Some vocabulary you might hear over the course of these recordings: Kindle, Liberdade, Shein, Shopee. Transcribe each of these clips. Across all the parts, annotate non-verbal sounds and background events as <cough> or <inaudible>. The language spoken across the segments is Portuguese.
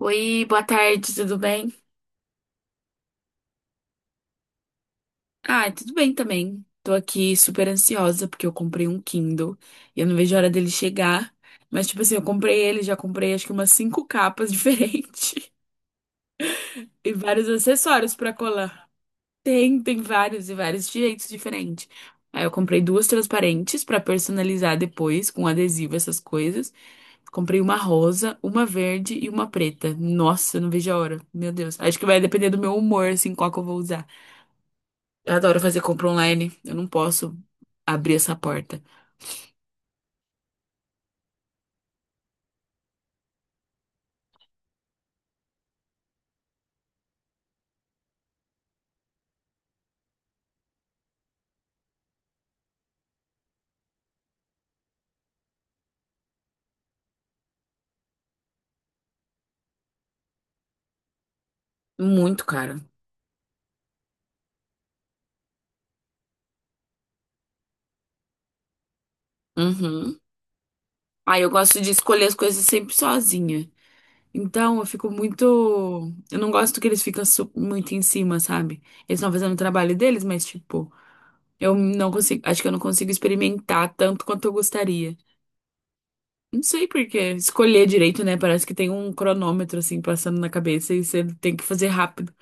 Oi, boa tarde, tudo bem? Ah, tudo bem também. Tô aqui super ansiosa porque eu comprei um Kindle e eu não vejo a hora dele chegar. Mas, tipo assim, eu comprei ele, já comprei acho que umas cinco capas <laughs> diferentes e vários acessórios pra colar. Tem vários e vários de jeitos diferentes. Aí eu comprei duas transparentes pra personalizar depois com adesivo, essas coisas. Comprei uma rosa, uma verde e uma preta. Nossa, eu não vejo a hora. Meu Deus. Acho que vai depender do meu humor, assim, qual que eu vou usar. Eu adoro fazer compra online. Eu não posso abrir essa porta. Muito cara. Uhum. Ah, eu gosto de escolher as coisas sempre sozinha. Então, eu fico muito. Eu não gosto que eles ficam muito em cima, sabe? Eles estão fazendo o trabalho deles, mas, tipo, eu não consigo. Acho que eu não consigo experimentar tanto quanto eu gostaria. Não sei por quê. Escolher direito, né? Parece que tem um cronômetro, assim, passando na cabeça e você tem que fazer rápido.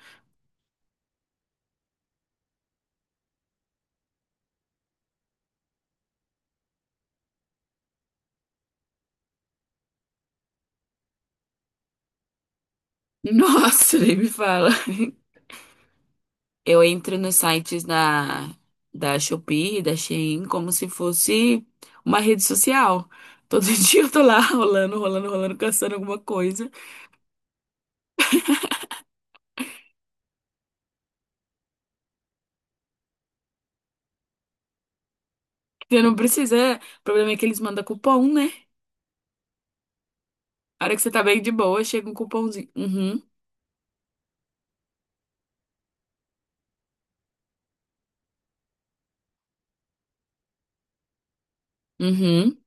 <laughs> Nossa, nem me fala. Eu entro nos sites da, da Shopee, da Shein, como se fosse uma rede social. Todo <laughs> dia eu tô lá rolando, rolando, rolando, caçando alguma coisa. Você não precisa. O problema é que eles mandam cupom, né? A hora que você tá bem de boa, chega um cupomzinho. Uhum, uhum,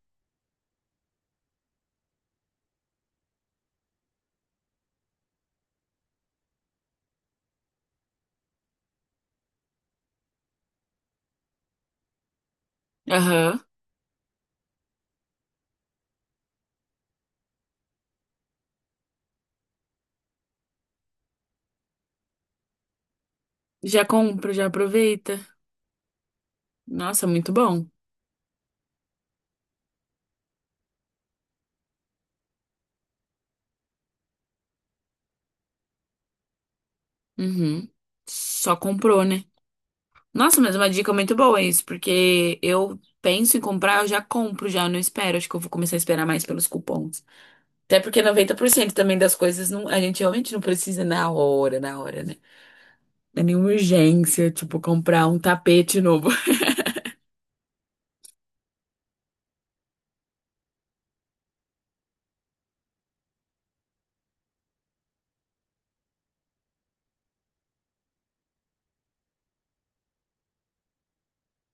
aham. Já compra, já aproveita. Nossa, muito bom. Uhum. Só comprou, né? Nossa, mas uma dica muito boa isso, porque eu penso em comprar, eu já compro, já não espero. Acho que eu vou começar a esperar mais pelos cupons. Até porque 90% também das coisas não, a gente realmente não precisa na hora, né? Não é nenhuma urgência, tipo, comprar um tapete novo. <laughs>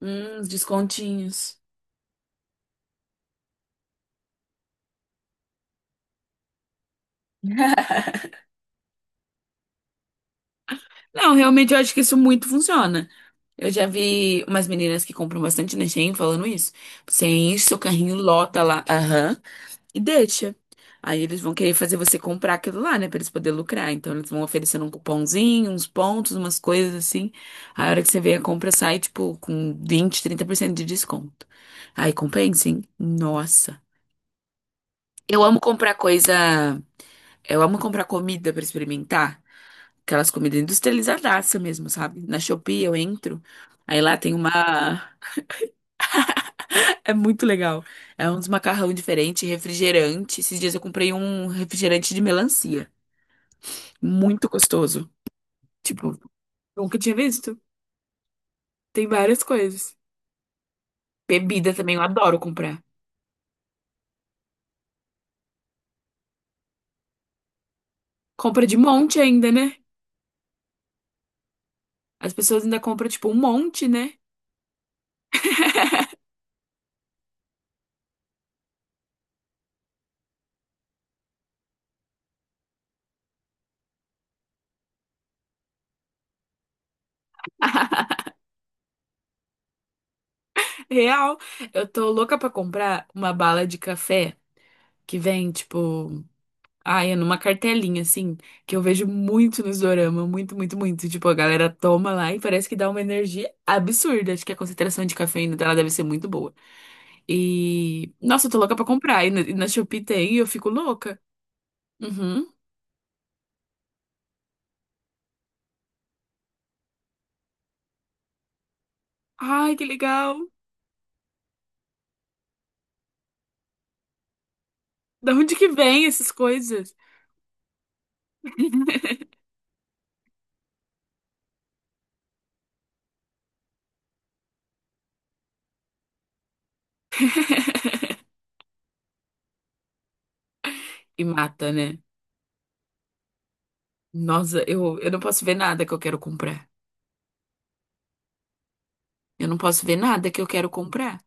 Os descontinhos. <laughs> Não, realmente eu acho que isso muito funciona. Eu já vi umas meninas que compram bastante na Shein falando isso. Você enche seu carrinho, lota lá. Aham. E deixa. Aí eles vão querer fazer você comprar aquilo lá, né? Pra eles poderem lucrar. Então eles vão oferecendo um cupomzinho, uns pontos, umas coisas assim. A hora que você vê a compra sai, tipo, com 20, 30% de desconto. Aí compensa, hein? Nossa. Eu amo comprar coisa. Eu amo comprar comida pra experimentar. Aquelas comidas industrializadaça mesmo, sabe? Na Shopee eu entro. Aí lá tem uma. <laughs> É muito legal. É uns macarrão diferente, refrigerante. Esses dias eu comprei um refrigerante de melancia. Muito gostoso. Tipo, nunca tinha visto. Tem várias coisas. Bebida também, eu adoro comprar. Compra de monte ainda, né? As pessoas ainda compram, tipo, um monte, né? <laughs> Real. Eu tô louca pra comprar uma bala de café que vem, tipo, ai, é numa cartelinha, assim, que eu vejo muito nos dorama. Muito, muito, muito. Tipo, a galera toma lá e parece que dá uma energia absurda. Acho que a concentração de cafeína dela deve ser muito boa. E, nossa, eu tô louca pra comprar. E na Shopee tem, e eu fico louca. Uhum. Ai, que legal. Da onde que vem essas coisas? E mata, né? Nossa, eu não posso ver nada que eu quero comprar. Eu não posso ver nada que eu quero comprar.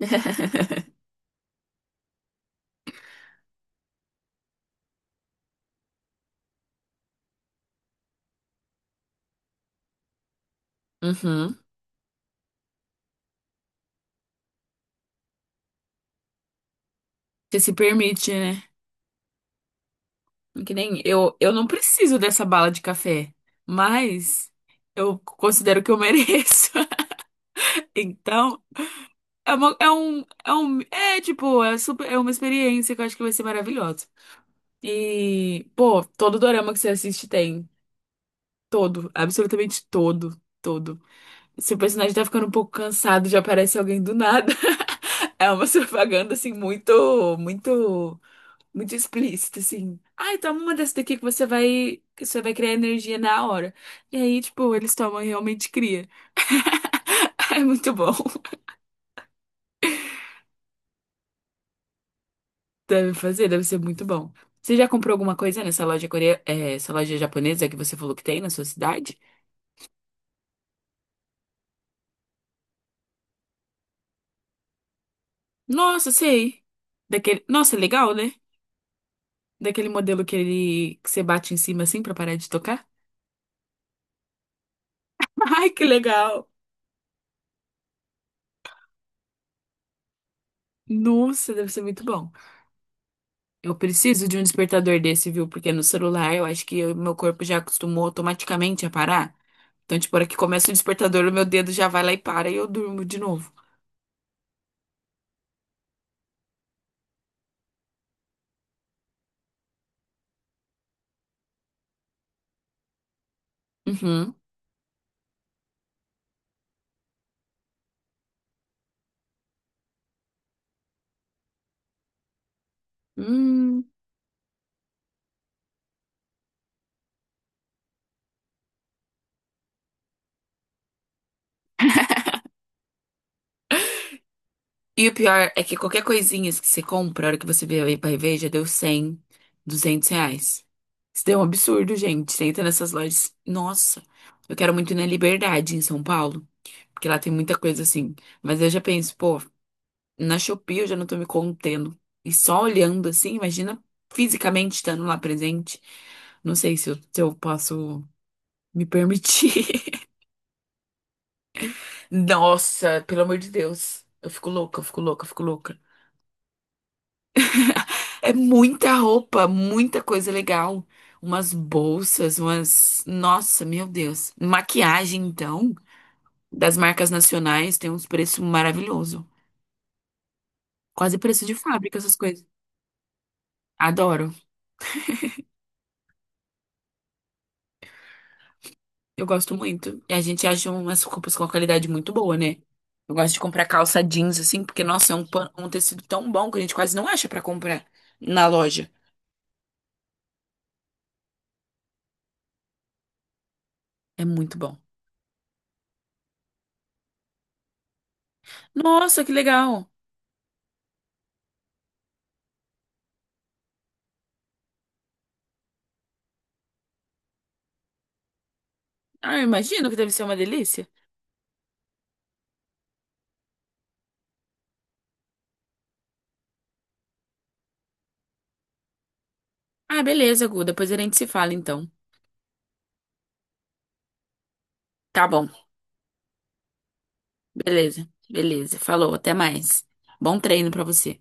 <laughs> Uhum. Você se permite, né? Que nem eu, eu não preciso dessa bala de café, mas eu considero que eu mereço. <laughs> Então, é uma, é um, é um, é tipo, é super, é uma experiência que eu acho que vai ser maravilhosa. E, pô, todo dorama que você assiste tem. Todo, absolutamente todo, todo. Se o personagem tá ficando um pouco cansado, já aparece alguém do nada. <laughs> É uma propaganda, assim, muito, muito, muito explícita, assim. Ai, toma uma dessa daqui que você vai criar energia na hora. E aí, tipo, eles tomam e realmente cria. <laughs> É muito bom. <laughs> Deve fazer, deve ser muito bom. Você já comprou alguma coisa nessa loja coreana, essa loja japonesa que você falou que tem na sua cidade? Nossa, sei. Daquele... Nossa, legal, né? Daquele modelo que ele que você bate em cima assim pra parar de tocar? <laughs> Ai, que legal! Nossa, deve ser muito bom. Eu preciso de um despertador desse, viu? Porque no celular eu acho que o meu corpo já acostumou automaticamente a parar. Então, tipo, a hora que começa o despertador, o meu dedo já vai lá e para e eu durmo de novo. Uhum. Hum. E o pior é que qualquer coisinha que você compra, a hora que você vê aí vai ver, já deu 100, R$ 200. Isso deu um absurdo, gente. Você entra nessas lojas. Nossa, eu quero muito ir na Liberdade, em São Paulo, porque lá tem muita coisa assim. Mas eu já penso, pô, na Shopee eu já não tô me contendo. E só olhando assim, imagina fisicamente estando lá presente. Não sei se eu, posso me permitir. <laughs> Nossa, pelo amor de Deus. Eu fico louca, eu fico louca, eu fico louca. É muita roupa, muita coisa legal. Umas bolsas, umas. Nossa, meu Deus. Maquiagem, então, das marcas nacionais tem uns preços maravilhosos. Quase preço de fábrica, essas coisas. Adoro. Eu gosto muito. E a gente acha umas roupas com uma qualidade muito boa, né? Eu gosto de comprar calça jeans, assim, porque, nossa, é um, um tecido tão bom que a gente quase não acha pra comprar na loja. É muito bom. Nossa, que legal. Ah, eu imagino que deve ser uma delícia. Ah, beleza, Gu. Depois a gente se fala, então. Tá bom, beleza, beleza. Falou, até mais. Bom treino pra você.